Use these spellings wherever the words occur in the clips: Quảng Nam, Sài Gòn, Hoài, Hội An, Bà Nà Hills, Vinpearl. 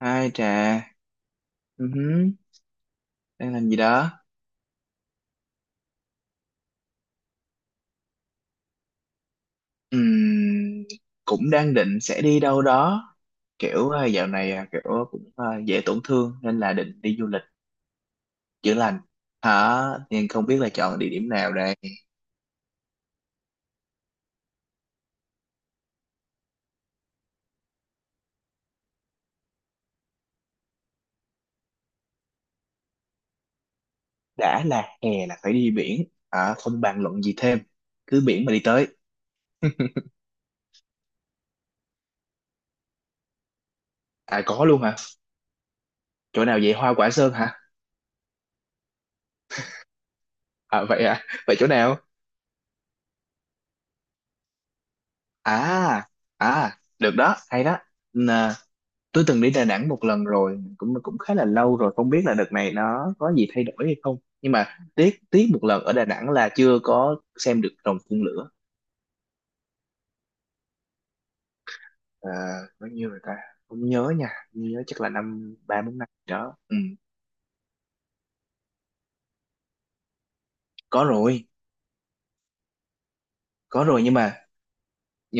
Hai trà. Ừ hứ. Đang làm gì đó? Ừm, cũng đang định sẽ đi đâu đó. Kiểu dạo này kiểu cũng dễ tổn thương nên là định đi du lịch chữa lành. Hả? Nhưng không biết là chọn địa điểm nào đây. Đã là hè là phải đi biển. Hả? Không bàn luận gì thêm. Cứ biển mà đi tới. À có luôn hả? Chỗ nào vậy? Hoa Quả Sơn hả? À? Vậy chỗ nào? À, được đó, hay đó. Tôi từng đi Đà Nẵng một lần rồi, cũng cũng khá là lâu rồi, không biết là đợt này nó có gì thay đổi hay không, nhưng mà tiếc tiếc một lần ở Đà Nẵng là chưa có xem được rồng phun lửa. À, bao nhiêu rồi ta? Không nhớ nha, không nhớ, chắc là năm ba bốn năm gì đó. Ừ. Có rồi. Có rồi, nhưng mà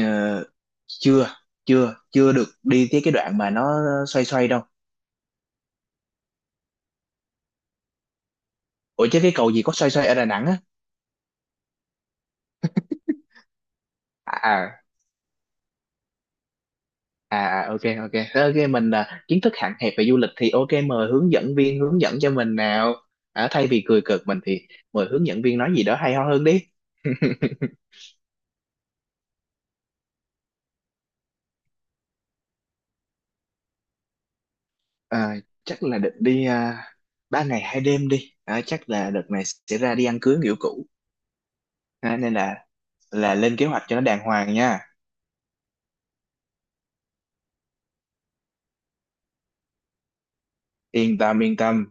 ờ, chưa chưa chưa được đi tới cái đoạn mà nó xoay xoay đâu. Ủa chứ cái cầu gì có xoay xoay ở Đà Nẵng á? à à, ok ok. Thế ok mình, kiến thức hạn hẹp về du lịch thì ok, mời hướng dẫn viên hướng dẫn cho mình nào. À, thay vì cười cợt mình thì mời hướng dẫn viên nói gì đó hay ho hơn đi. à, Chắc là định đi, 3 ngày 2 đêm đi, chắc là đợt này sẽ ra đi ăn cưới kiểu cũ, nên là lên kế hoạch cho nó đàng hoàng nha. Yên tâm, yên tâm.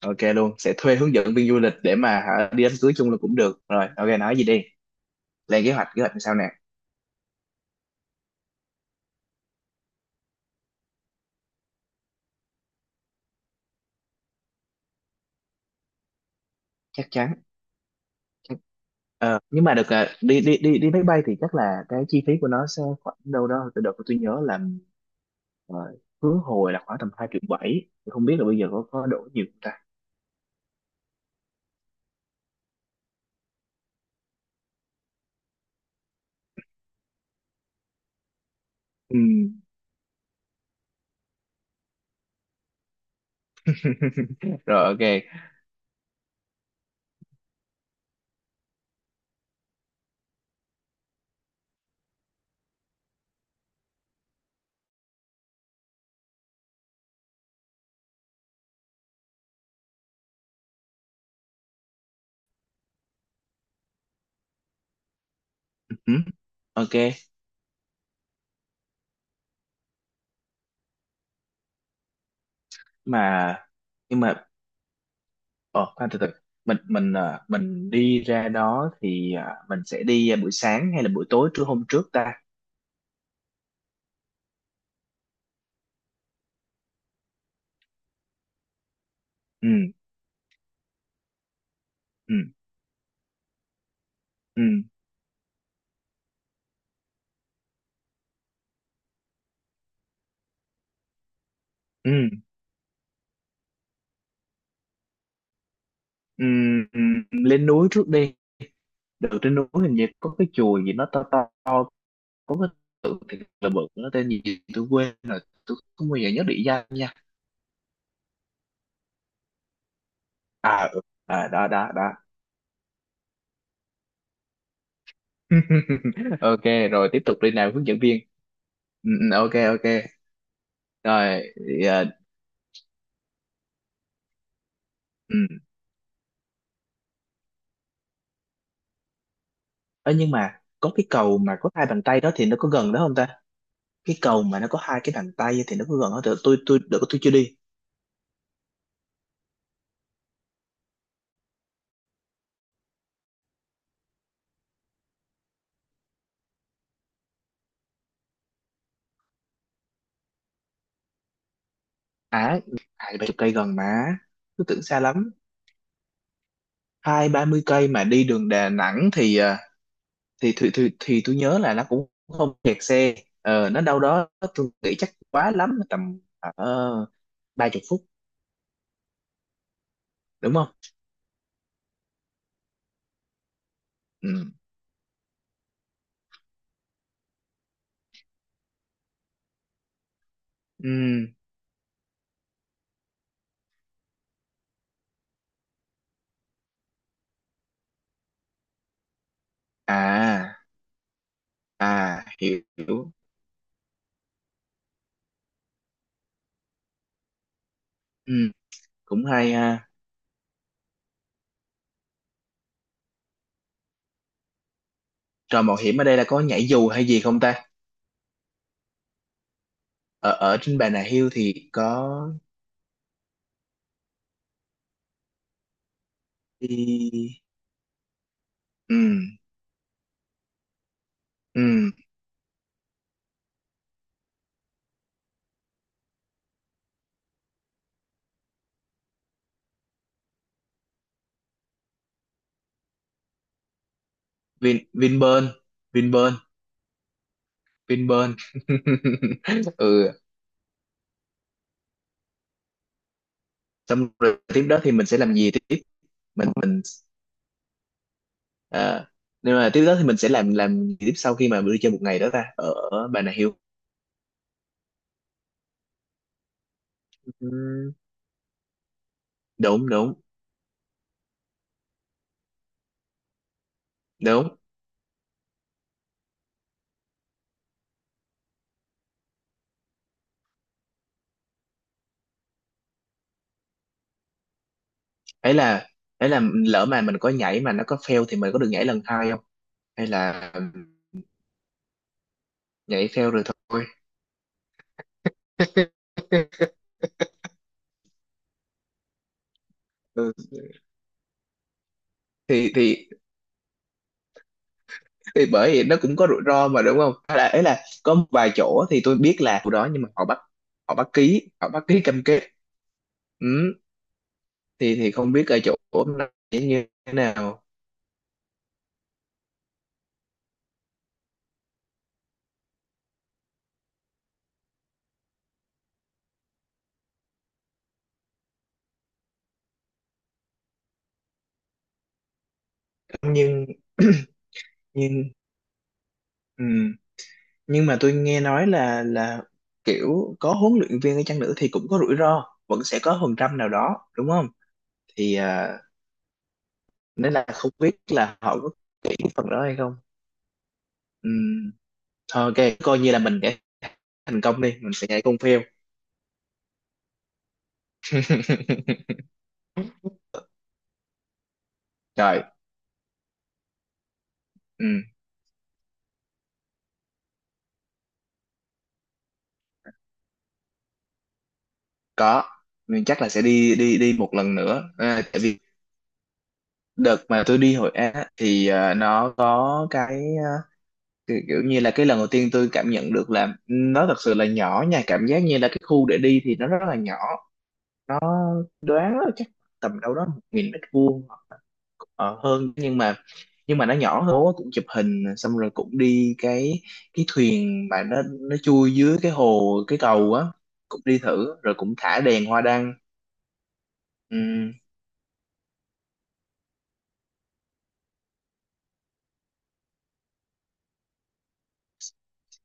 Ok luôn, sẽ thuê hướng dẫn viên du lịch để mà hả, đi đám cưới chung là cũng được rồi. Ok nói gì đi, lên kế hoạch làm sao nè. Chắc chắn. Ờ, nhưng mà được, đi đi đi đi máy bay thì chắc là cái chi phí của nó sẽ khoảng đâu đó, từ đợt tôi nhớ là ờ, khứ hồi là khoảng tầm 2,7 triệu, không biết là bây giờ có đổi nhiều không ta. Ừ. Rồi ok. Ừ. Ok mà. Nhưng mà ờ khoan, từ từ. Mình, mình đi ra đó thì mình sẽ đi buổi sáng hay là buổi tối trưa hôm trước ta? Ừ, ừ, ừ, ừ, ừ, ừ. Lên núi trước đi. Được, trên núi hình như có cái chùa gì nó to to, có cái tự thì là bự, nó tên gì tôi quên rồi. Tôi không bao giờ nhớ địa danh nha. À, ừ. À, đó đó đó. Ok rồi, tiếp tục đi nào hướng dẫn viên. Ừ, ừ, ok ok. Rồi thì, ừ. Ơ, nhưng mà có cái cầu mà có hai bàn tay đó, thì nó có gần đó không ta? Cái cầu mà nó có hai cái bàn tay thì nó có gần không? Tôi, đợt tôi chưa đi. À, hai ba chục cây gần mà, tôi tưởng xa lắm. Hai ba mươi cây mà đi đường Đà Nẵng thì thì tôi nhớ là nó cũng không kẹt xe. Nó đâu đó tôi nghĩ chắc quá lắm tầm ở 30 phút. Đúng không? Ừ. Ừ. à Hiểu hiểu. Ừ. Cũng hay ha. Trò mạo hiểm ở đây là có nhảy dù hay gì không ta? Ở ở trên Bà Nà Hills thì có. Đi. Ừ, ừ. Vinpearl. Vinpearl. Vinpearl. Ừ. Xong rồi tiếp đó thì mình sẽ làm gì tiếp? Mình, à, nhưng mà tiếp đó thì mình sẽ làm gì tiếp sau khi mà mình đi chơi một ngày đó ta, ở ở Bà Nà Hills? Ừm, đúng đúng đúng. Ấy là ấy là, lỡ mà mình có nhảy mà nó có fail thì mình có được nhảy lần hai không, hay là nhảy fail rồi thôi? Ừ, thì thì thì bởi vì nó cũng có rủi ro mà đúng không? Hay là ấy là có một vài chỗ thì tôi biết là chỗ đó, nhưng mà họ bắt ký cam kết. Ừ, thì không biết ở chỗ này như thế nào. Nhưng nhưng. Ừ. Nhưng mà tôi nghe nói là kiểu có huấn luyện viên ở chăng nữa thì cũng có rủi ro, vẫn sẽ có phần trăm nào đó đúng không? Thì nên là không biết là họ có cái phần đó hay không. Ừ. Thôi ok, coi như là mình để thành công đi, mình sẽ nhảy con phêu. Trời. Ừ, có. Mình chắc là sẽ đi đi đi một lần nữa. À, tại vì đợt mà tôi đi Hội An á, thì nó có cái thì kiểu như là cái lần đầu tiên tôi cảm nhận được là nó thật sự là nhỏ nha, cảm giác như là cái khu để đi thì nó rất là nhỏ. Đoán là chắc tầm đâu đó 1.000 mét vuông hơn, nhưng mà nó nhỏ hơn. Bố cũng chụp hình xong rồi cũng đi cái thuyền mà nó chui dưới cái hồ cái cầu á. Cũng đi thử rồi, cũng thả đèn hoa đăng. Ừm,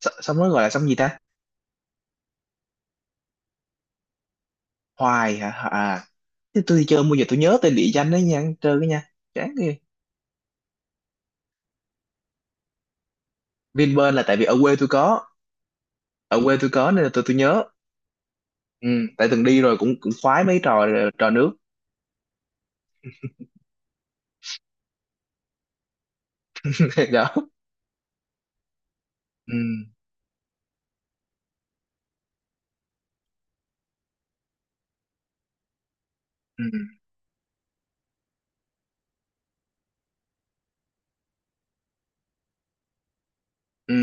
xong nó gọi là sông gì ta? Hoài hả? À, thế tôi đi chơi bao giờ tôi nhớ tên địa danh đấy nha, chơi cái nha, chán ghê. Vinpearl là tại vì ở quê tôi có nên là tôi nhớ. Ừ, tại từng đi rồi, cũng cũng khoái mấy trò trò nước. Đó. Ừ, ừ, ừ.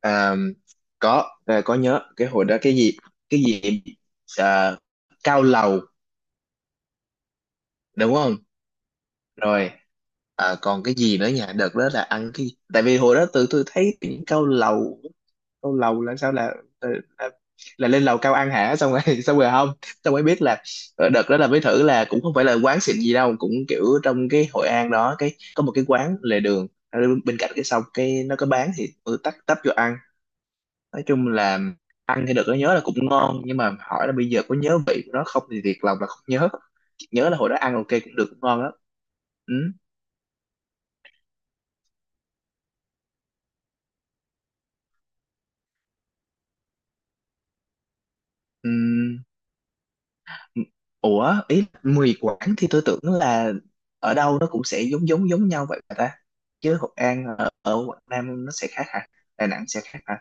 À, có, có nhớ cái hồi đó cái gì, cái gì, à, cao lầu. Đúng không? Rồi, còn cái gì nữa nhỉ? Đợt đó là ăn cái, tại vì hồi đó tụi tôi thấy những cao lầu, cao lầu là sao, là, là lên lầu cao ăn hả? Xong rồi xong rồi không, xong mới biết là đợt đó là mới thử là cũng không phải là quán xịn gì đâu, cũng kiểu trong cái Hội An đó, cái có một cái quán lề đường ở bên cạnh cái sông, cái nó có bán thì tôi tấp tấp vô ăn. Nói chung là ăn thì đợt đó nhớ là cũng ngon, nhưng mà hỏi là bây giờ có nhớ vị của nó không thì thiệt lòng là không nhớ. Chỉ nhớ là hồi đó ăn ok cũng được, cũng ngon lắm. Ừ. Ừm, ủa ý mì Quảng thì tôi tưởng là ở đâu nó cũng sẽ giống giống giống nhau vậy mà ta? Chứ Hội An ở Quảng Nam nó sẽ khác hả? Đà Nẵng sẽ khác hả?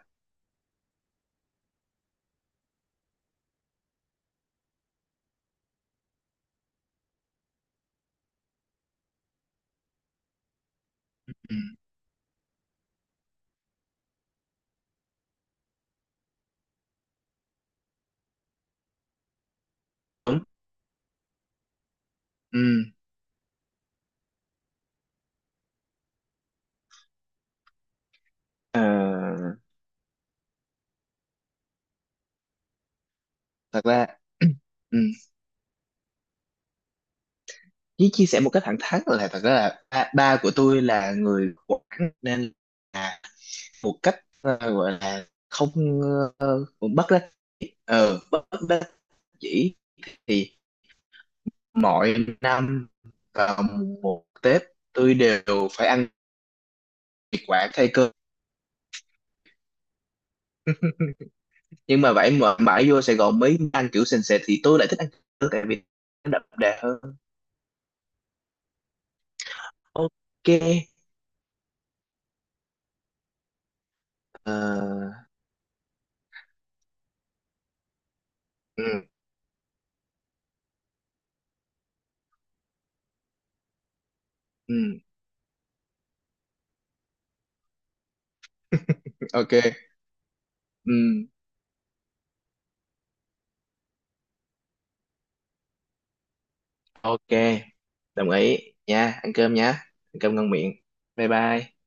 Ừm, đúng. Ừm, ờ, Thật ra ừm, chỉ chia sẻ một cách thẳng thắn là, thật ra là ba của tôi là người Quảng, nên là một cách, gọi là không, ờ, bất đắc bất đắc dĩ thì, mỗi năm vào một Tết, tôi đều phải ăn thịt quả thay cơm. Nhưng mà vậy mà mãi vô Sài Gòn mới ăn kiểu sền sệt thì tôi lại thích ăn cơm, tại vì nó đậm đà hơn. Ok. Ờ, ừ, ừ, ok. Ừ, ok. Đồng ý nha. Ăn cơm ngon miệng. Bye bye.